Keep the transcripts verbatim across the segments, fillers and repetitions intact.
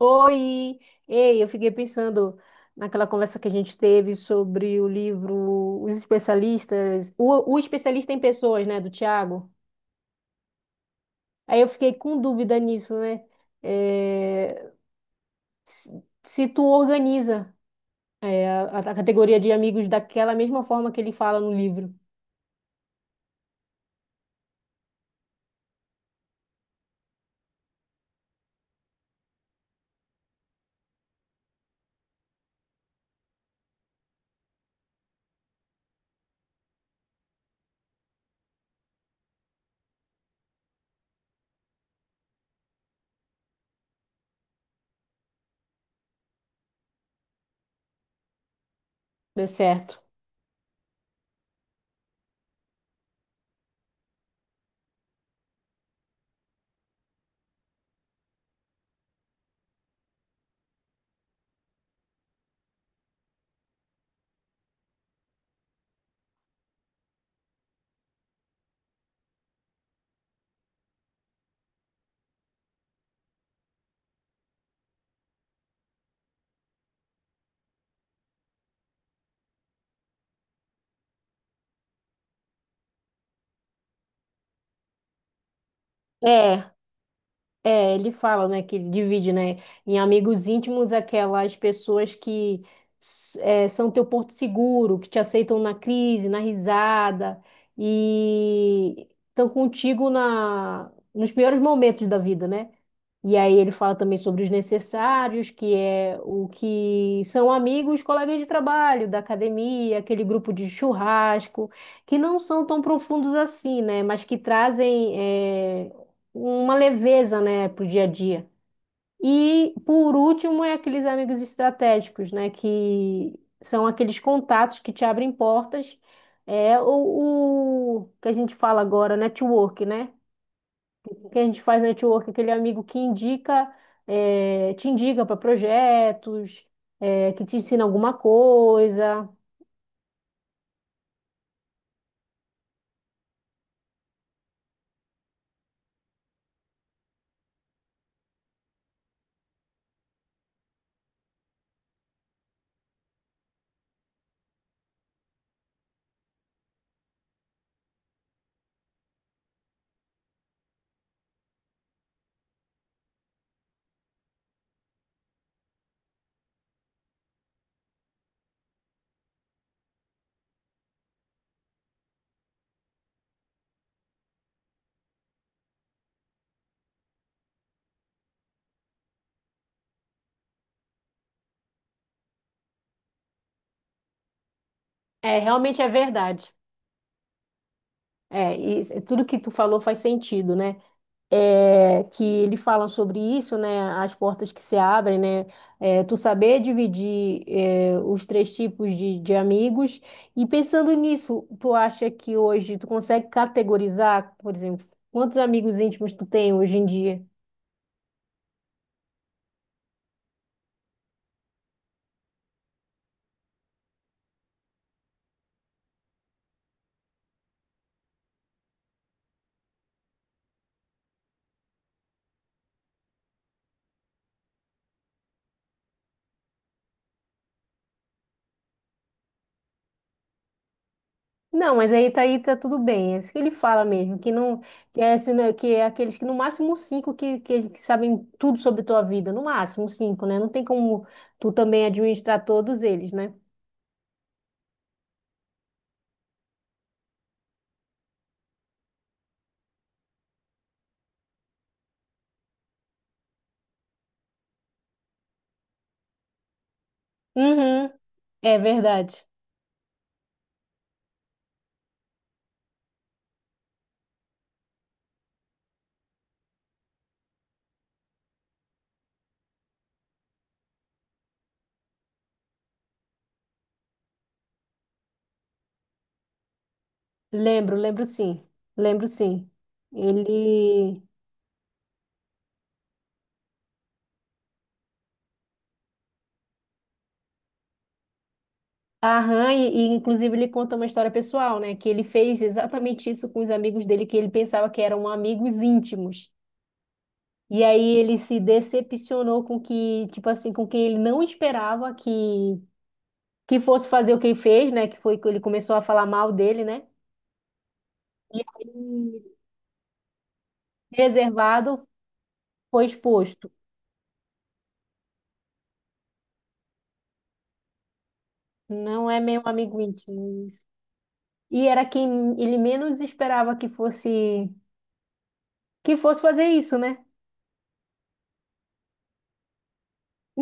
Oi! Ei, eu fiquei pensando naquela conversa que a gente teve sobre o livro Os Especialistas, o, o Especialista em Pessoas, né, do Tiago. Aí eu fiquei com dúvida nisso, né? É, se, se tu organiza é, a, a categoria de amigos daquela mesma forma que ele fala no livro, dê certo. É. É, ele fala, né, que ele divide, né, em amigos íntimos aquelas pessoas que s- é, são teu porto seguro, que te aceitam na crise, na risada e estão contigo na nos piores momentos da vida, né? E aí ele fala também sobre os necessários, que é o que são amigos, colegas de trabalho, da academia, aquele grupo de churrasco, que não são tão profundos assim, né? Mas que trazem eh, uma leveza, né, para o dia a dia. E por último é aqueles amigos estratégicos, né? Que são aqueles contatos que te abrem portas. É o, o que a gente fala agora, network, né? Que a gente faz network, aquele amigo que indica, eh, te indica para projetos, eh, que te ensina alguma coisa. É, realmente é verdade. É, e s- tudo que tu falou faz sentido, né? É, que ele fala sobre isso, né? As portas que se abrem, né? É, tu saber dividir, é, os três tipos de, de amigos. E pensando nisso, tu acha que hoje tu consegue categorizar, por exemplo, quantos amigos íntimos tu tem hoje em dia? Não, mas aí tá, aí tá tudo bem. É isso que ele fala mesmo, que não, que é, assim, né, que é aqueles que no máximo cinco que, que, que sabem tudo sobre tua vida, no máximo cinco, né? Não tem como tu também administrar todos eles, né? Uhum, é verdade. Lembro, lembro sim. Lembro sim. Ele arranha e e, inclusive ele conta uma história pessoal, né? Que ele fez exatamente isso com os amigos dele que ele pensava que eram amigos íntimos. E aí ele se decepcionou com que, tipo assim, com quem ele não esperava que que fosse fazer o que ele fez, né? Que foi que ele começou a falar mal dele, né? E aí, reservado, foi exposto. Não é meu amigo íntimo. E era quem ele menos esperava que fosse que fosse fazer isso, né?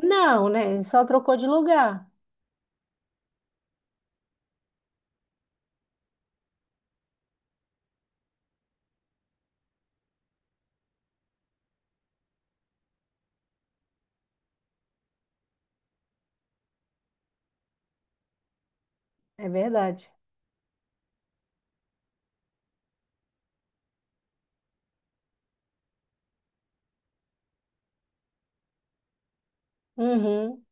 Não, né? Ele só trocou de lugar. É verdade. Uhum.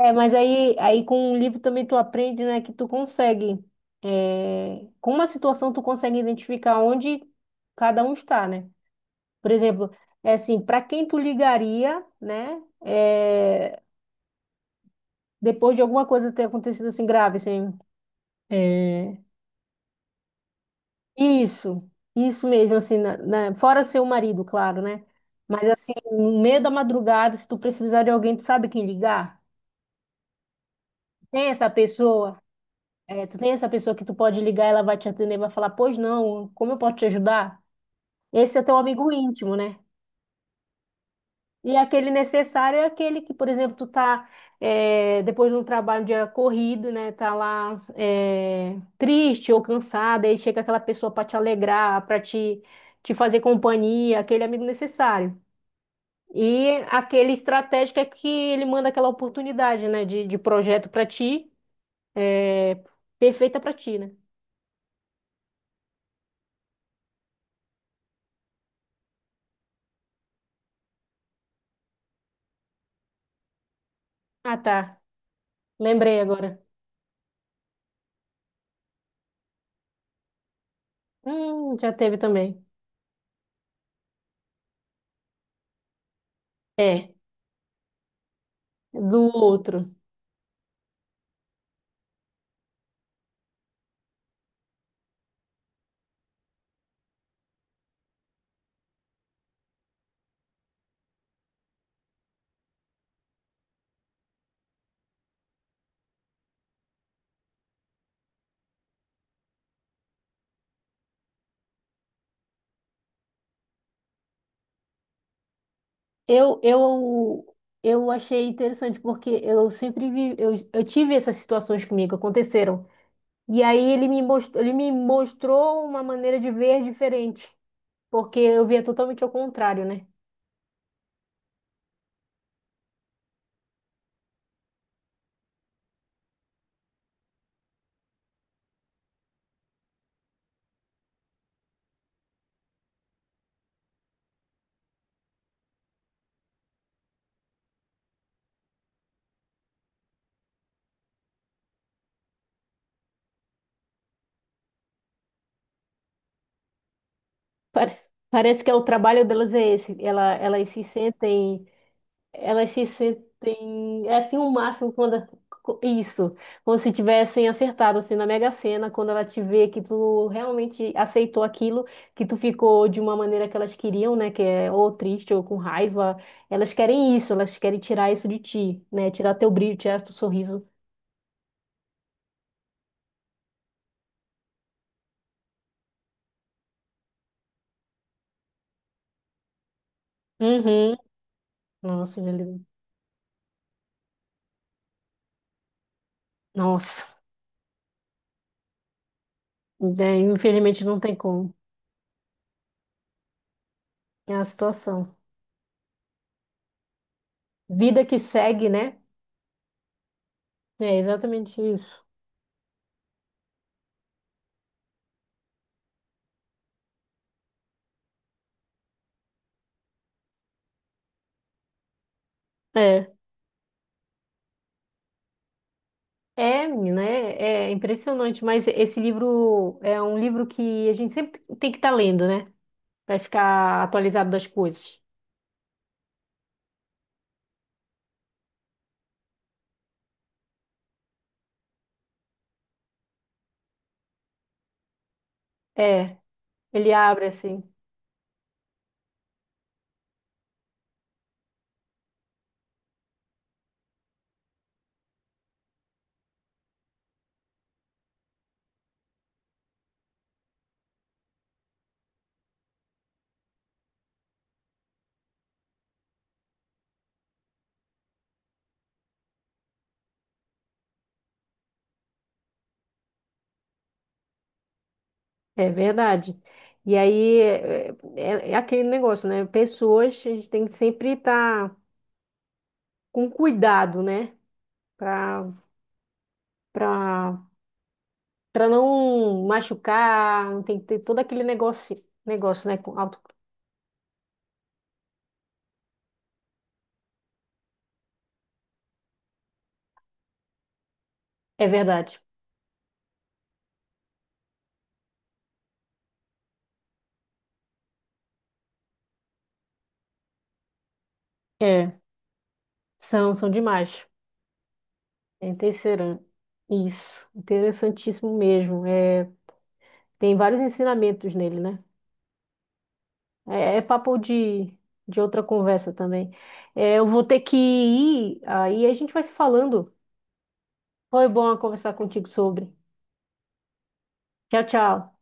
É, mas aí, aí com o livro também tu aprende, né, que tu consegue, é, com uma situação tu consegue identificar onde cada um está, né? Por exemplo, é assim, para quem tu ligaria, né, é, depois de alguma coisa ter acontecido assim grave, assim, é, isso, isso mesmo, assim, na, na, fora seu marido, claro, né? Mas assim, no meio da madrugada, se tu precisar de alguém, tu sabe quem ligar? Tem essa pessoa? É, tu tem essa pessoa que tu pode ligar, ela vai te atender, vai falar, pois não, como eu posso te ajudar? Esse é teu amigo íntimo, né? E aquele necessário é aquele que, por exemplo, tu tá é, depois de um trabalho de corrido, né? Tá lá é, triste ou cansada, aí chega aquela pessoa para te alegrar, para te, te fazer companhia, aquele amigo necessário. E aquele estratégico é que ele manda aquela oportunidade, né? De, de projeto para ti, eh, perfeita para ti, né? Ah, tá. Lembrei agora. Hum, já teve também. É, do outro. Eu, eu, eu achei interessante porque eu sempre vi, eu, eu tive essas situações comigo, aconteceram. E aí ele me mostrou, ele me mostrou uma maneira de ver diferente, porque eu via totalmente ao contrário, né? Pare- Parece que é o trabalho delas é esse. Ela, elas se sentem Elas se sentem, é assim, o máximo quando. Isso, como se tivessem acertado, assim, na Mega Sena, quando ela te vê que tu realmente aceitou aquilo, que tu ficou de uma maneira que elas queriam, né, que é ou triste ou com raiva, elas querem isso, elas querem tirar isso de ti, né, tirar teu brilho, tirar teu sorriso. Uhum. Nossa. ele... Nossa. Daí, infelizmente não tem como. É a situação. Vida que segue, né? É exatamente isso. É. É, menina, é, é impressionante, mas esse livro é um livro que a gente sempre tem que estar lendo, né? Para ficar atualizado das coisas. É, ele abre assim, é verdade. E aí é, é- é aquele negócio, né? Pessoas, a gente tem que sempre estar com cuidado, né? Para para para não machucar, não tem que ter todo aquele negócio, negócio, né? Com auto. É verdade. É, são, são demais. É Teixeira. Isso, interessantíssimo mesmo. É, tem vários ensinamentos nele, né? É, é papo de, de outra conversa também. É, eu vou ter que ir, aí a gente vai se falando. Foi bom conversar contigo sobre. Tchau, tchau.